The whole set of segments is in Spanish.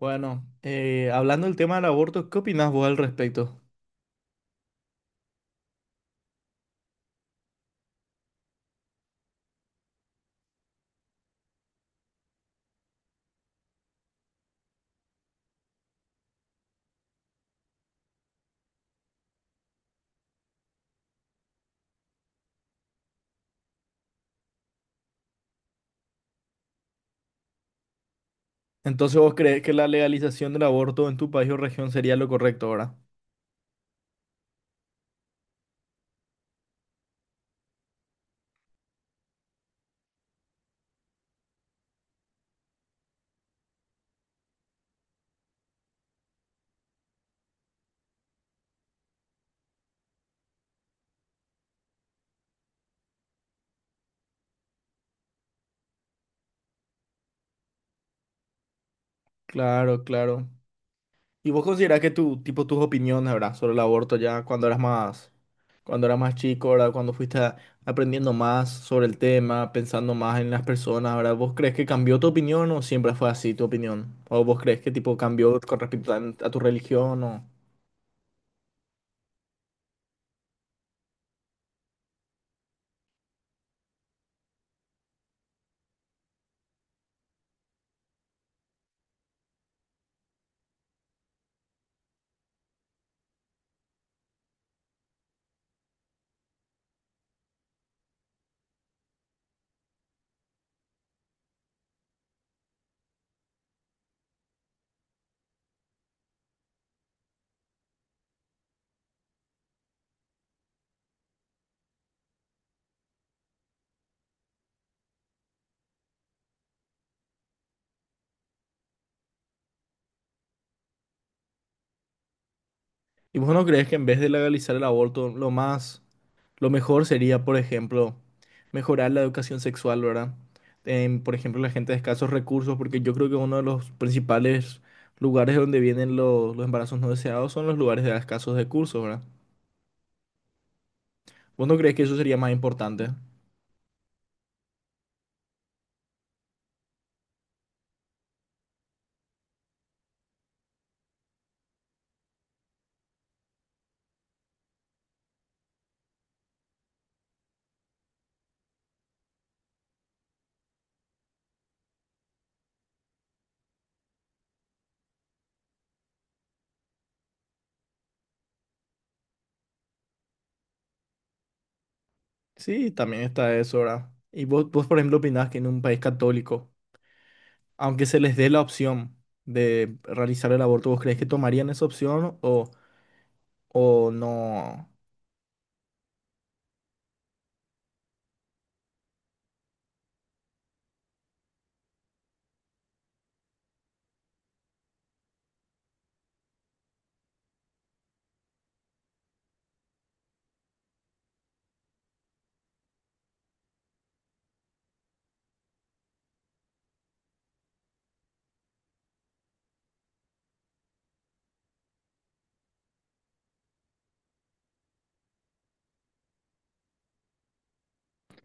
Bueno, hablando del tema del aborto, ¿qué opinás vos al respecto? Entonces, ¿vos crees que la legalización del aborto en tu país o región sería lo correcto, verdad? Claro, claro. ¿Y vos considerás que tipo, tus opiniones, verdad, sobre el aborto ya cuando eras más chico, ¿verdad? Cuando aprendiendo más sobre el tema, pensando más en las personas, ¿verdad? ¿Vos crees que cambió tu opinión o siempre fue así tu opinión? ¿O vos crees que tipo cambió con respecto a tu religión o... ¿Y vos no crees que en vez de legalizar el aborto, lo más lo mejor sería, por ejemplo, mejorar la educación sexual, ¿verdad? En, por ejemplo, la gente de escasos recursos, porque yo creo que uno de los principales lugares donde vienen los embarazos no deseados son los lugares de escasos recursos, ¿verdad? ¿Vos no crees que eso sería más importante? Sí, también está eso, ¿verdad? Y vos, por ejemplo, opinás que en un país católico, aunque se les dé la opción de realizar el aborto, ¿vos crees que tomarían esa opción o no?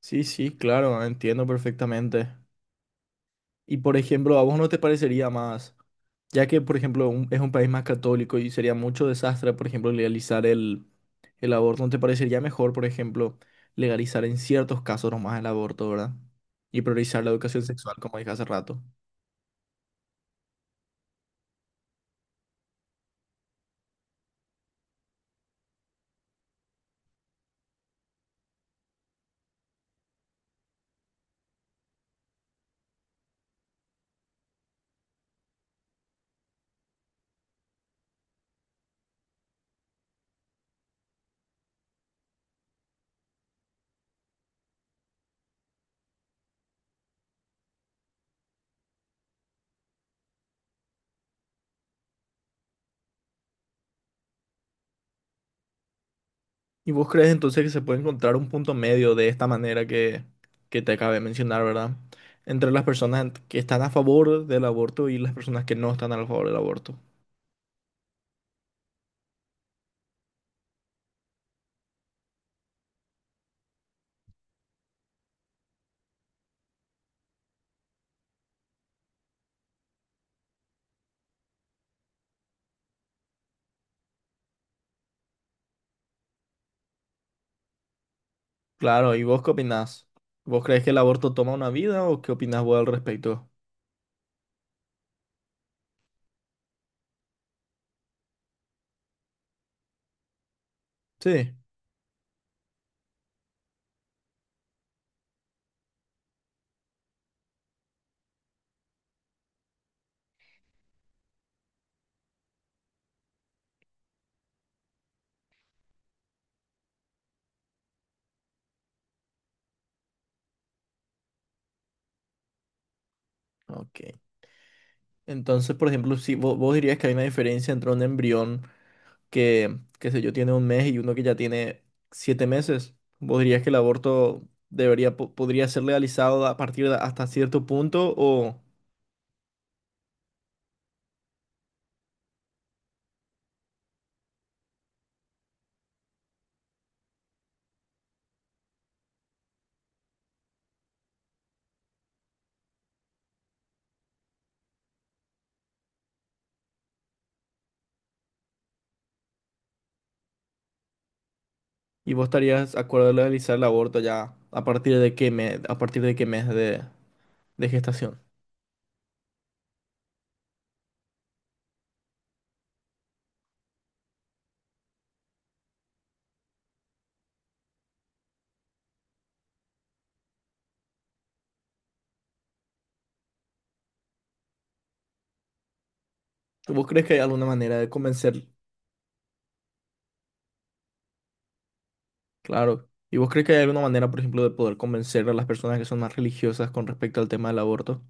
Sí, sí, claro, entiendo perfectamente. Y por ejemplo, ¿a vos no te parecería más, ya que por ejemplo es un país más católico y sería mucho desastre, por ejemplo, legalizar el aborto, ¿no te parecería mejor, por ejemplo, legalizar en ciertos casos nomás el aborto, ¿verdad? Y priorizar la educación sexual, como dije hace rato. ¿Y vos crees entonces que se puede encontrar un punto medio de esta manera que te acabé de mencionar, ¿verdad? Entre las personas que están a favor del aborto y las personas que no están a favor del aborto. Claro, ¿y vos qué opinás? ¿Vos crees que el aborto toma una vida o qué opinás vos al respecto? Sí. Ok. Entonces, por ejemplo, si vos, vos dirías que hay una diferencia entre un embrión que, qué sé yo, tiene un mes y uno que ya tiene siete meses, ¿vos dirías que el aborto podría ser legalizado a partir de hasta cierto punto o y vos estarías de acuerdo de legalizar el aborto ya a partir de qué mes, a partir de qué mes de gestación? ¿Vos crees que hay alguna manera de convencer claro. ¿Y vos crees que hay alguna manera, por ejemplo, de poder convencer a las personas que son más religiosas con respecto al tema del aborto?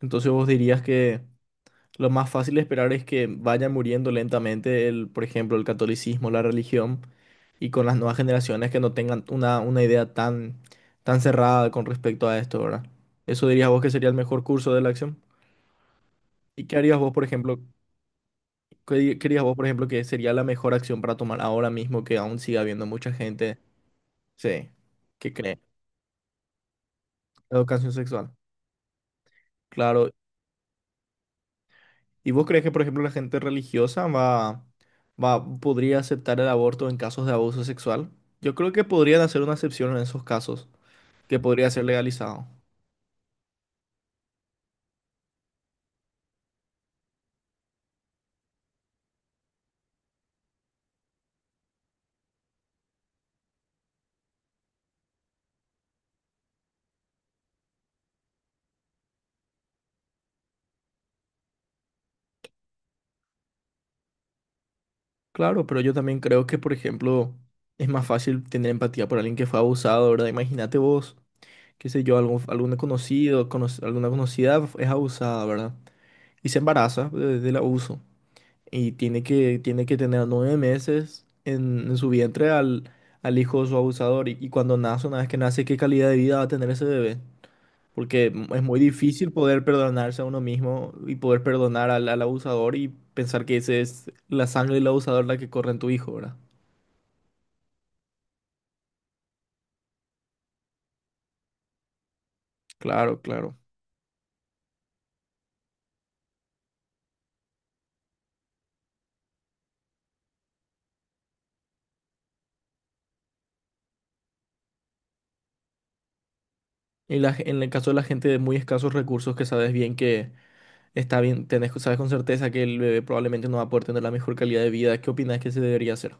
Entonces vos dirías que lo más fácil de esperar es que vaya muriendo lentamente el, por ejemplo, el catolicismo, la religión, y con las nuevas generaciones que no tengan una idea tan, tan cerrada con respecto a esto, ¿verdad? ¿Eso dirías vos que sería el mejor curso de la acción? ¿Y qué harías vos, por ejemplo, qué dirías vos, por ejemplo, que sería la mejor acción para tomar ahora mismo que aún siga habiendo mucha gente, sí, que cree en la educación sexual? Claro. ¿Y vos crees que, por ejemplo, la gente religiosa va, podría aceptar el aborto en casos de abuso sexual? Yo creo que podrían hacer una excepción en esos casos, que podría ser legalizado. Claro, pero yo también creo que, por ejemplo, es más fácil tener empatía por alguien que fue abusado, ¿verdad? Imagínate vos, qué sé yo, algún conocido, alguna conocida es abusada, ¿verdad? Y se embaraza del abuso. Y tiene que tener 9 meses en su vientre al hijo de su abusador. Y cuando nace, una vez que nace, ¿qué calidad de vida va a tener ese bebé? Porque es muy difícil poder perdonarse a uno mismo y poder perdonar al abusador y pensar que ese es la sangre del abusador la que corre en tu hijo, ¿verdad? Claro, claro. Y la en el caso de la gente de muy escasos recursos que sabes bien que está bien, tenés, sabes con certeza que el bebé probablemente no va a poder tener la mejor calidad de vida, ¿qué opinas que se debería hacer?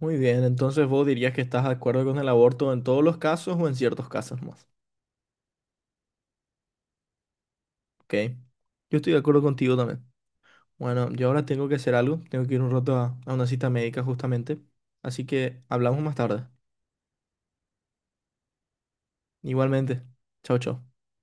Muy bien, entonces vos dirías que estás de acuerdo con el aborto en todos los casos o en ciertos casos más. Ok. Yo estoy de acuerdo contigo también. Bueno, yo ahora tengo que hacer algo. Tengo que ir un rato a una cita médica justamente. Así que hablamos más tarde. Igualmente. Chao, chao.